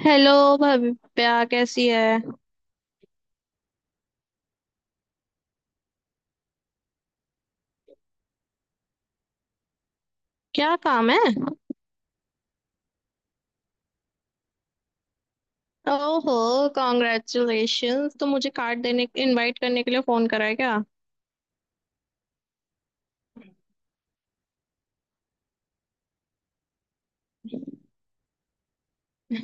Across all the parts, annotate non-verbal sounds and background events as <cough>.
Hello. Bhavya कैसी है? क्या काम है? ओहो, कॉन्ग्रेचुलेशंस। तो मुझे कार्ड देने, इनवाइट करने के लिए फोन करा है क्या?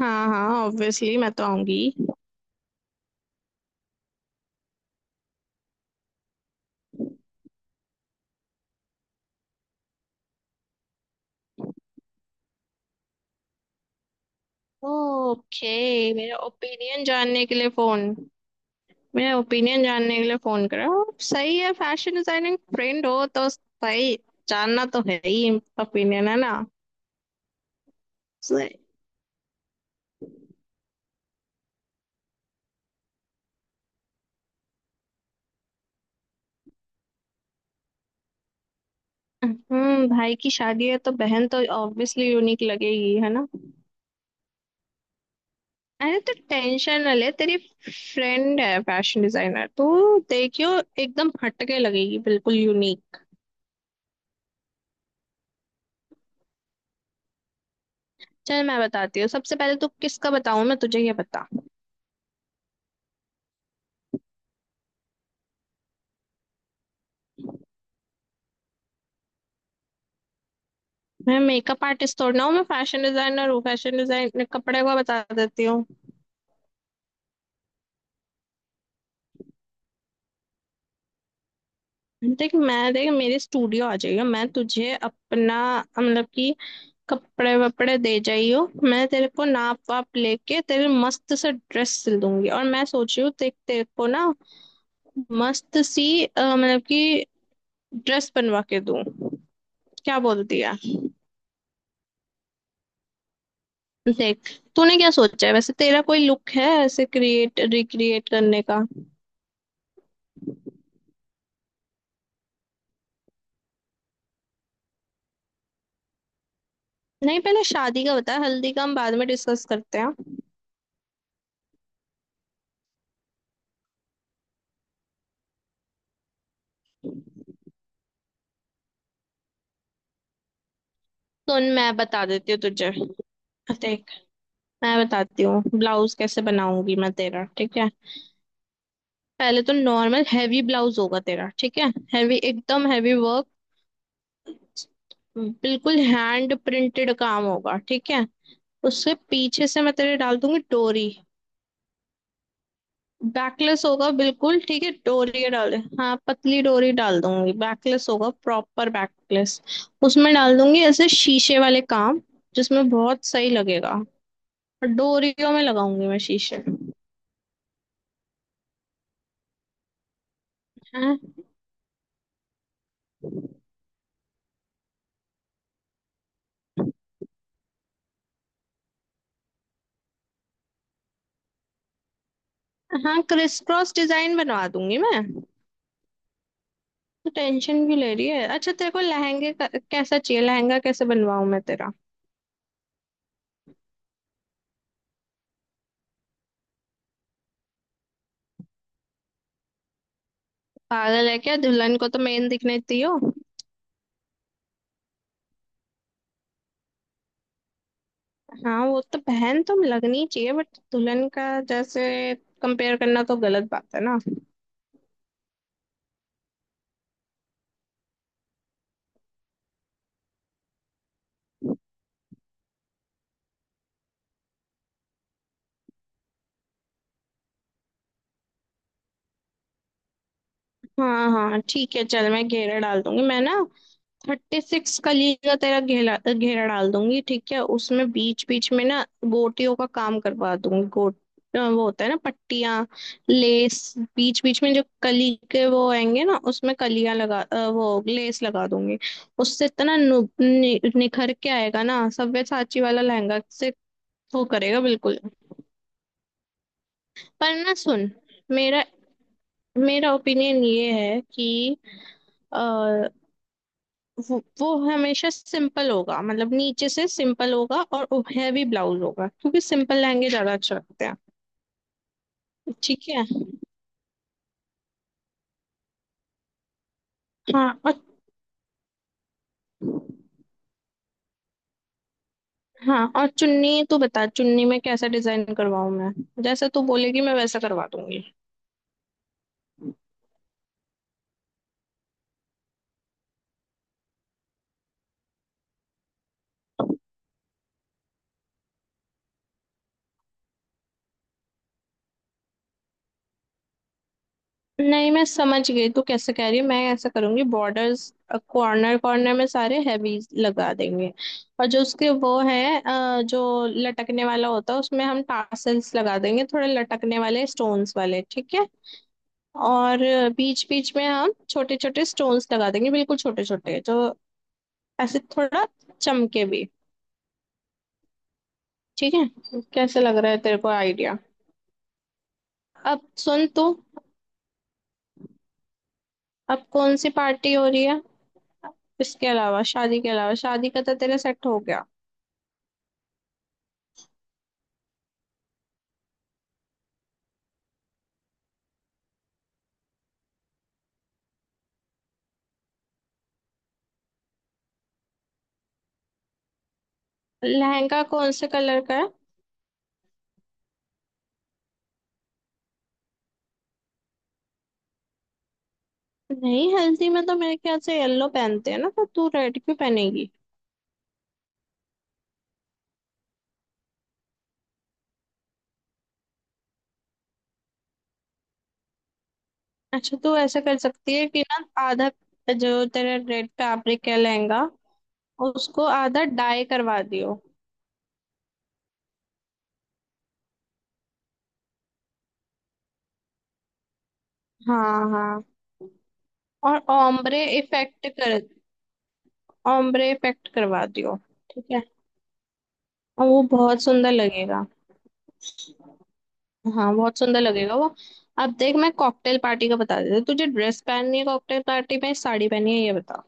हाँ हाँ, ऑब्वियसली मैं तो आऊंगी। ओके। मेरा ओपिनियन जानने के लिए फोन। मेरा ओपिनियन जानने के लिए फोन करा। सही है, फैशन डिजाइनिंग फ्रेंड हो तो सही। जानना तो है ही। ओपिनियन है ना। सही। हम्म, भाई की शादी है तो बहन तो ऑब्वियसली यूनिक लगेगी, है ना? अरे तो टेंशन ना ले, तेरी फ्रेंड है फैशन डिजाइनर तो। देखियो, एकदम हटके लगेगी, बिल्कुल यूनिक। चल, मैं बताती हूँ। सबसे पहले तो किसका बताऊँ मैं तुझे, ये बता। मैं मेकअप आर्टिस्ट थोड़ी ना हूँ, मैं फैशन डिजाइनर हूँ, फैशन डिजाइन कपड़े का बता देती हूँ। देख, मैं देख, मेरे स्टूडियो आ जाइयो। मैं तुझे अपना, मतलब कि कपड़े वपड़े दे जाइयो, मैं तेरे को नाप वाप लेके तेरे मस्त से ड्रेस सिल दूंगी। और मैं सोच रही हूँ, देख तेरे को ना मस्त सी मतलब कि ड्रेस बनवा के दूं। क्या बोलती है? देख, तूने क्या सोचा है, वैसे तेरा कोई लुक है ऐसे क्रिएट रिक्रिएट करने का? नहीं, पहले शादी का बता, हल्दी का हम बाद में डिस्कस करते हैं। सुन, मैं बता देती हूँ तुझे। देख, मैं बताती हूँ ब्लाउज कैसे बनाऊंगी मैं तेरा, ठीक है? पहले तो नॉर्मल हैवी ब्लाउज होगा तेरा, ठीक है। हैवी, एकदम हैवी वर्क, बिल्कुल हैंड प्रिंटेड काम होगा, ठीक है। उसके पीछे से मैं तेरे डाल दूंगी डोरी। बैकलेस होगा बिल्कुल, ठीक है। डोरी डाले, हाँ पतली डोरी डाल दूंगी, बैकलेस होगा, प्रॉपर बैकलेस। उसमें डाल दूंगी ऐसे शीशे वाले काम, जिसमें बहुत सही लगेगा। और डोरियों में लगाऊंगी मैं शीशे। हाँ हाँ, क्रिस क्रॉस डिजाइन बनवा दूंगी मैं। तो टेंशन क्यों ले रही है? अच्छा, तेरे को लहंगे का- कैसा चाहिए लहंगा, कैसे बनवाऊं मैं तेरा? पागल है क्या, दुल्हन को तो मेन दिखने दी हो। हाँ, वो तो बहन तो लगनी चाहिए, बट दुल्हन का जैसे कंपेयर करना तो गलत बात है ना। हाँ हाँ ठीक है, चल, मैं घेरा डाल दूंगी मैं ना। 36 कली का तेरा घेरा, घेरा डाल दूंगी, ठीक है। उसमें बीच बीच में ना गोटियों का काम करवा दूंगी, गोट, वो होता है ना, पट्टियां, लेस, बीच बीच में जो कली के वो आएंगे ना, उसमें कलियां लगा, वो लेस लगा दूंगी। उससे इतना निखर के आएगा ना, सव्यसाची वाला लहंगा से। वो करेगा बिल्कुल। पर ना सुन, मेरा मेरा ओपिनियन ये है कि वो हमेशा सिंपल होगा, मतलब नीचे से सिंपल होगा और हैवी ब्लाउज होगा, क्योंकि सिंपल लहंगे ज्यादा अच्छे लगते हैं। ठीक है। हाँ और। हाँ, और चुन्नी तो बता, चुन्नी में कैसा डिजाइन करवाऊँ मैं, जैसा तू बोलेगी मैं वैसा करवा दूंगी। नहीं, मैं समझ गई तू कैसे कह रही है। मैं ऐसा करूंगी, बॉर्डर्स कॉर्नर कॉर्नर में सारे हैवी लगा देंगे। और जो उसके वो है, जो लटकने वाला होता है, उसमें हम टासल्स लगा देंगे, थोड़े लटकने वाले स्टोन्स वाले, ठीक है। और बीच बीच में हम छोटे छोटे स्टोन्स लगा देंगे, बिल्कुल छोटे छोटे, जो ऐसे थोड़ा चमके भी, ठीक है। कैसे लग रहा है तेरे को आइडिया? अब सुन तू, अब कौन सी पार्टी हो रही है इसके अलावा, शादी के अलावा? शादी का तो तेरा सेट हो गया। लहंगा कौन से कलर का है? नहीं, हल्दी में तो मेरे ख्याल से येलो पहनते हैं ना, तो तू रेड क्यों पहनेगी? अच्छा, तू ऐसा कर सकती है कि ना आधा, जो तेरा रेड फैब्रिक है लहंगा, उसको आधा डाई करवा दियो। हाँ हाँ, और ओम्ब्रे इफेक्ट कर, ओम्ब्रे इफेक्ट करवा दियो। ठीक है, और वो बहुत सुंदर लगेगा। हाँ, बहुत सुंदर लगेगा वो। अब देख, मैं कॉकटेल पार्टी का बता देती हूँ तुझे। ड्रेस पहननी है कॉकटेल पार्टी में, साड़ी पहननी है, ये बता।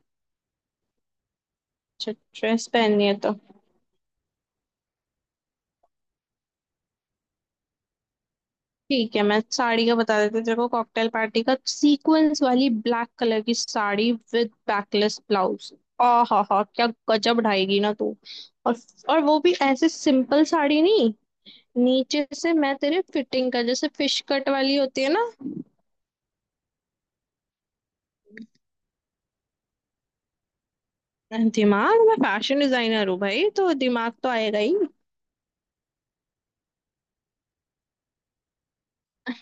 अच्छा, ड्रेस पहननी है तो ठीक है, मैं साड़ी का बता देती हूँ तेरे को। कॉकटेल पार्टी का सीक्वेंस वाली ब्लैक कलर की साड़ी विद बैकलेस ब्लाउज। आ हा हा, क्या गजब ढाएगी ना तू! और वो भी ऐसे सिंपल साड़ी नहीं, नीचे से मैं तेरे फिटिंग का, जैसे फिश कट वाली होती है ना। दिमाग, मैं फैशन डिजाइनर हूँ भाई, तो दिमाग तो आएगा ही।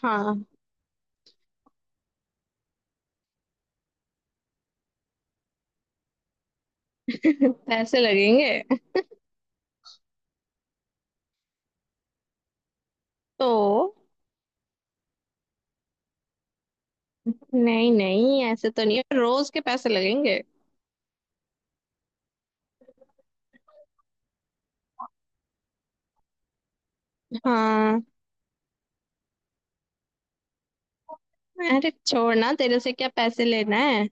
हाँ <laughs> पैसे लगेंगे। तो नहीं नहीं, ऐसे तो नहीं है, रोज के पैसे लगेंगे। हाँ, अरे छोड़ना, तेरे से क्या पैसे लेना है।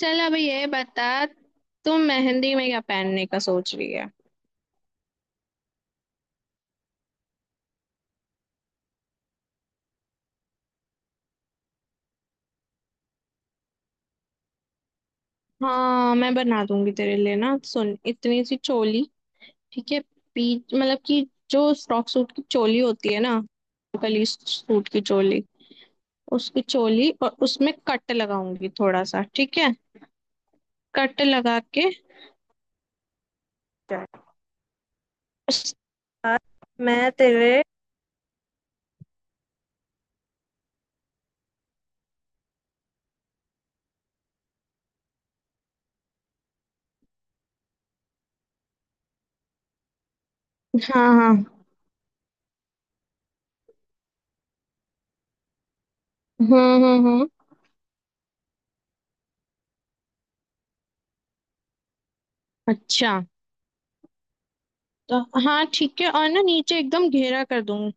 चल, अब ये बता, तुम मेहंदी में क्या पहनने का सोच रही है? हाँ, मैं बना दूंगी तेरे लिए ना, सुन इतनी सी चोली, ठीक है। पीच, मतलब कि जो फ्रॉक सूट की चोली होती है ना, कली सूट की चोली, उसकी चोली। और उसमें कट लगाऊंगी थोड़ा सा, ठीक है, कट लगा के, चल। उसके बाद मैं तेरे, हाँ हाँ। हम्म हम्म, अच्छा। तो हाँ ठीक है, और ना नीचे एकदम घेरा कर दूंगी।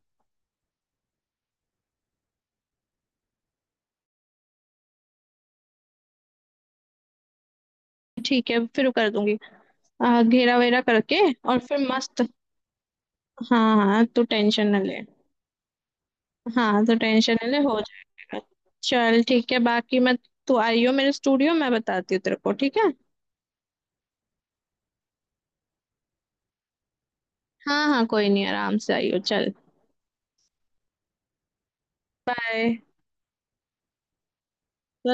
ठीक है, फिर कर दूंगी, घेरा वेरा करके, और फिर मस्त। हाँ हाँ, तू टेंशन ना ले। हाँ, तो टेंशन नहीं ले, हो जाएगा। चल ठीक है, बाकी मैं, तू आइयो मेरे स्टूडियो, मैं बताती हूँ तेरे को, ठीक है। हाँ हाँ, कोई नहीं, आराम से आइयो, चल, बाय।